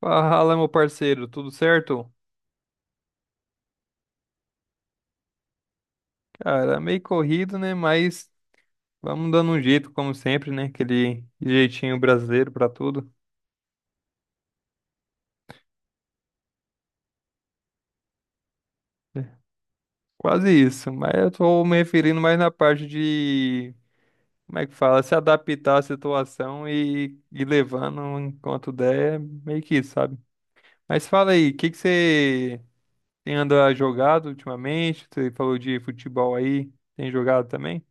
Fala, meu parceiro, tudo certo? Cara, meio corrido, né? Mas vamos dando um jeito, como sempre, né? Aquele jeitinho brasileiro pra tudo. Né? Quase isso, mas eu tô me referindo mais na parte de, como é que fala, se adaptar à situação e levando enquanto der, é meio que isso, sabe? Mas fala aí, o que que você tem andado jogado ultimamente? Você falou de futebol aí, tem jogado também?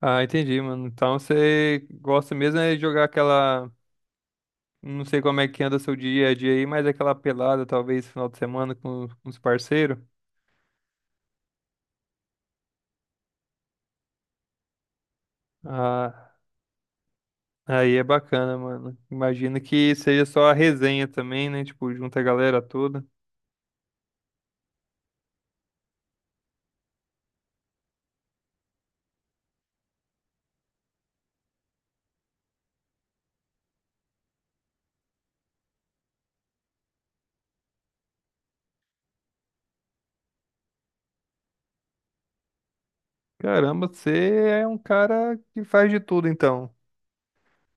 Ah, entendi, mano. Então você gosta mesmo é de jogar aquela. Não sei como é que anda seu dia a dia aí, mas aquela pelada, talvez, final de semana com os parceiros. Ah, aí é bacana, mano. Imagino que seja só a resenha também, né? Tipo, junta a galera toda. Caramba, você é um cara que faz de tudo, então.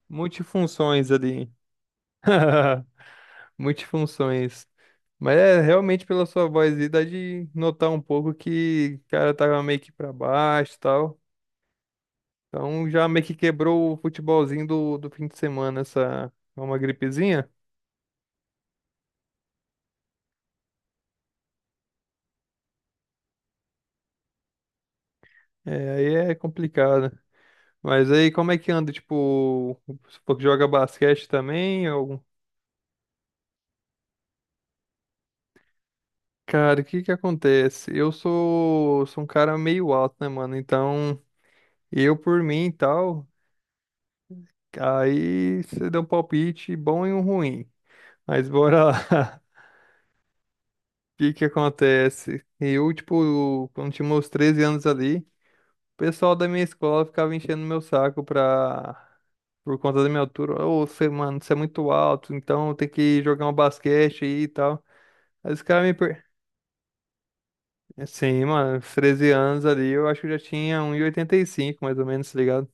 Multifunções ali. Multifunções. Mas é realmente pela sua voz aí, dá de notar um pouco que o cara tava meio que pra baixo e tal. Então já meio que quebrou o futebolzinho do fim de semana, essa uma gripezinha. É, aí é complicado. Mas aí como é que anda? Tipo, supor que joga basquete também? Ou... Cara, o que que acontece? Eu sou um cara meio alto, né, mano? Então, eu por mim e tal, aí você deu um palpite bom e um ruim. Mas bora lá. O que que acontece? Eu, tipo, quando tinha meus 13 anos ali. O pessoal da minha escola ficava enchendo meu saco pra... por conta da minha altura. Ô, você, mano, você é muito alto, então tem que jogar um basquete aí e tal. Aí os caras me. Per... Sim, mano, uns 13 anos ali, eu acho que eu já tinha um e oitenta e cinco, mais ou menos, tá ligado?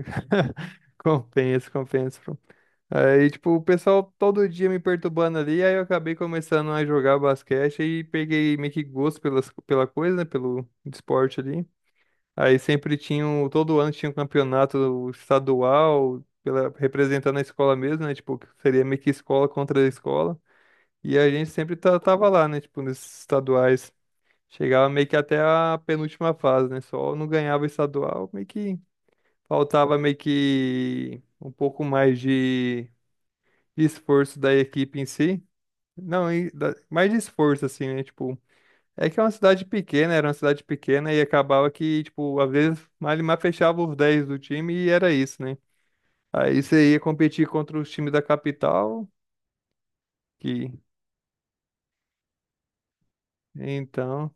Compensa, compensa, pô. Aí, tipo, o pessoal todo dia me perturbando ali, aí eu acabei começando a jogar basquete e peguei meio que gosto pela coisa, né, pelo esporte ali. Aí sempre tinha, todo ano tinha um campeonato estadual, pela, representando a escola mesmo, né? Tipo, que seria meio que escola contra a escola. E a gente sempre tava lá, né? Tipo, nesses estaduais. Chegava meio que até a penúltima fase, né? Só não ganhava estadual, meio que faltava meio que um pouco mais de esforço da equipe em si. Não, e mais de esforço, assim, né? Tipo. É que é uma cidade pequena, era uma cidade pequena e acabava que, tipo, às vezes Malimar fechava os 10 do time e era isso, né? Aí você ia competir contra os times da capital, que então.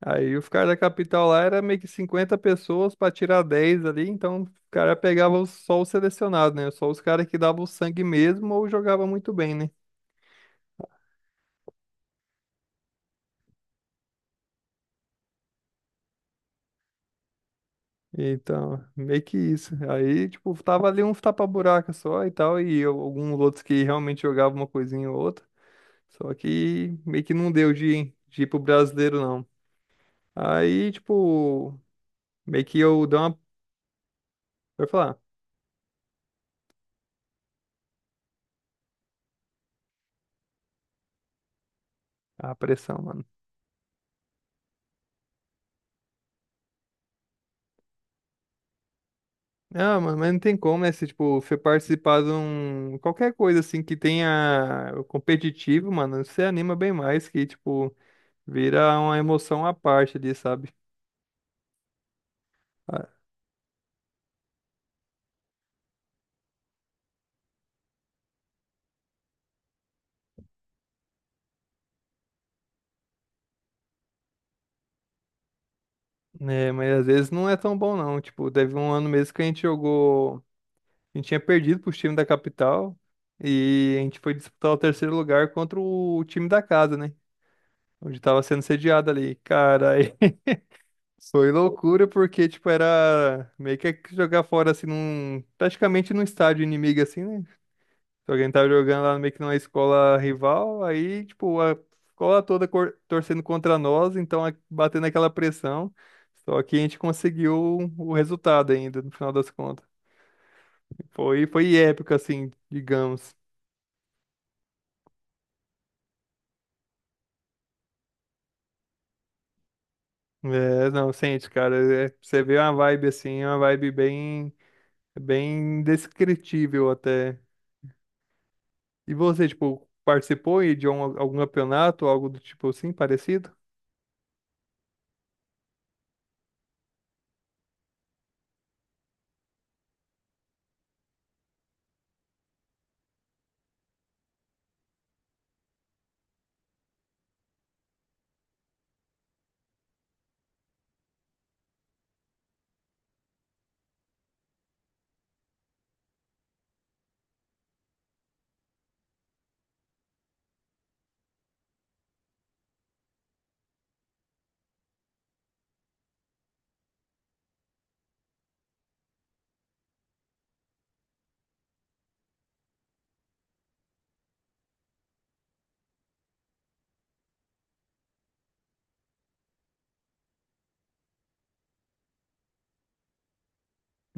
Aí os caras da capital lá era meio que 50 pessoas pra tirar dez ali, então os caras pegavam só os selecionados, né? Só os caras que davam o sangue mesmo ou jogavam muito bem, né? Então, meio que isso. Aí, tipo, tava ali uns tapa-buraca só e tal, e alguns outros que realmente jogavam uma coisinha ou outra. Só que meio que não deu de ir pro brasileiro, não. Aí, tipo, meio que eu dou uma. Eu falar, ah, pressão, mano. Ah, mano, mas não tem como, né? Se, tipo, você participar de um. Qualquer coisa, assim, que tenha o competitivo, mano, você anima bem mais, que, tipo, vira uma emoção à parte ali, sabe? Ah, né, mas às vezes não é tão bom, não. Tipo, teve um ano mesmo que a gente jogou. A gente tinha perdido pros times da capital. E a gente foi disputar o terceiro lugar contra o time da casa, né? Onde tava sendo sediado ali. Cara, aí foi loucura porque, tipo, era meio que jogar fora, assim, num... praticamente num estádio inimigo, assim, né? Se alguém tava jogando lá meio que numa escola rival, aí, tipo, a escola toda torcendo contra nós, então batendo aquela pressão. Só que a gente conseguiu o resultado ainda, no final das contas. Foi, foi épico, assim, digamos. É, não, sente, cara. É, você vê uma vibe assim, uma vibe bem, bem indescritível até. E você, tipo, participou aí de algum campeonato, algo do tipo assim, parecido?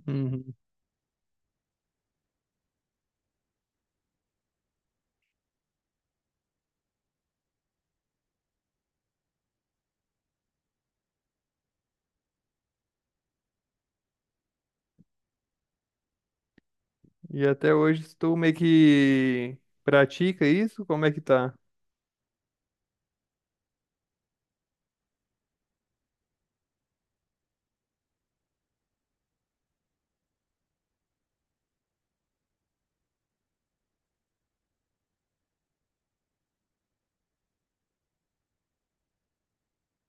Uhum. E até hoje tu meio que pratica isso? Como é que tá?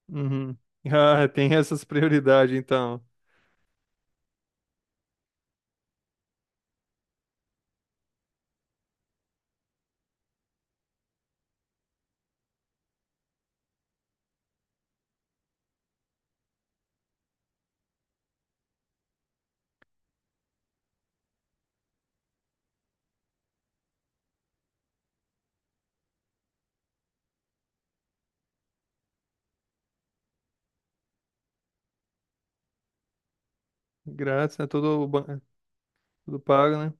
Uhum. Ah, tem essas prioridades, então. Grátis, né? Tudo pago, né?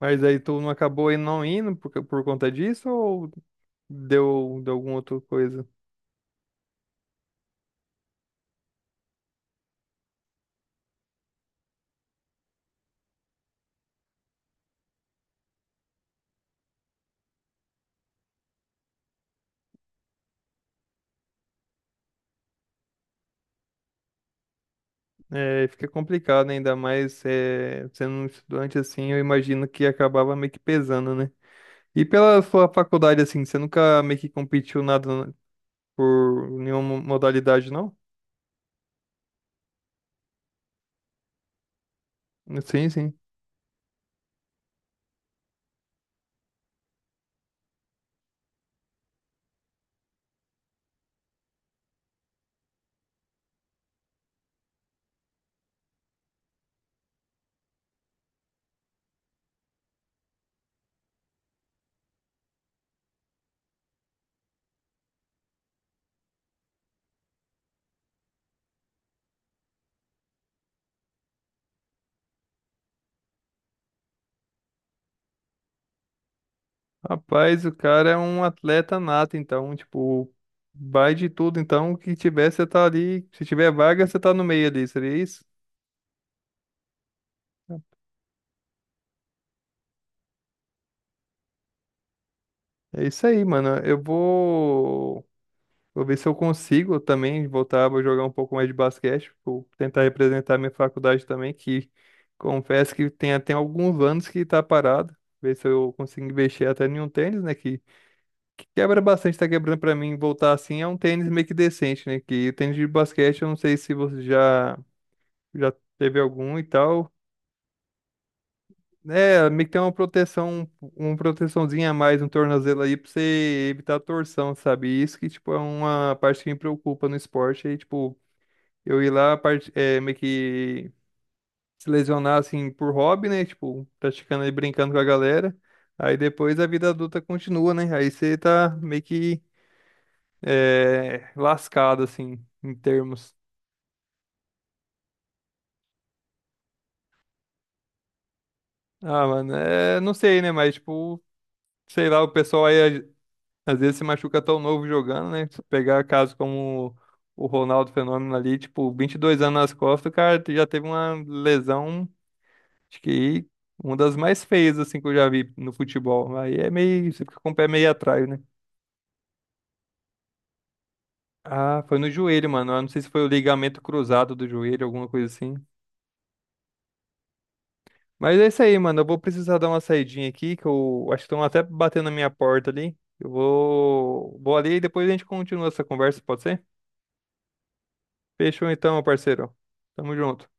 Mas aí tu não acabou aí não indo por conta disso ou deu alguma outra coisa? É, fica complicado, né? Ainda mais é, sendo um estudante assim, eu imagino que acabava meio que pesando, né? E pela sua faculdade, assim, você nunca meio que competiu nada por nenhuma modalidade, não? Sim, sim. Rapaz, o cara é um atleta nato, então, tipo, vai de tudo. Então, o que tiver, você tá ali. Se tiver vaga, você tá no meio ali, seria isso? É isso aí, mano. Eu vou. Vou ver se eu consigo também voltar, vou jogar um pouco mais de basquete, vou tentar representar minha faculdade também, que confesso que tem até alguns anos que tá parado. Ver se eu consigo investir até em um tênis, né? Que quebra bastante, tá quebrando pra mim voltar assim. É um tênis meio que decente, né? Que tênis de basquete, eu não sei se você já, já teve algum e tal. É, meio que tem uma proteção, uma proteçãozinha a mais no tornozelo aí pra você evitar a torção, sabe? E isso que, tipo, é uma parte que me preocupa no esporte. Aí, tipo, eu ir lá, parte, é, meio que se lesionar, assim, por hobby, né? Tipo, praticando e brincando com a galera. Aí depois a vida adulta continua, né? Aí você tá meio que é, lascado, assim, em termos. Ah, mano, é, não sei, né? Mas, tipo, sei lá, o pessoal aí às vezes se machuca tão novo jogando, né? Se pegar caso como o Ronaldo Fenômeno ali, tipo, 22 anos nas costas, o cara já teve uma lesão, acho que uma das mais feias, assim, que eu já vi no futebol. Aí é meio, você fica com o pé meio atrás, né? Ah, foi no joelho, mano. Eu não sei se foi o ligamento cruzado do joelho, alguma coisa assim. Mas é isso aí, mano. Eu vou precisar dar uma saidinha aqui, que eu acho que estão até batendo na minha porta ali. Eu vou, vou ali e depois a gente continua essa conversa, pode ser? Fechou então, meu parceiro. Tamo junto.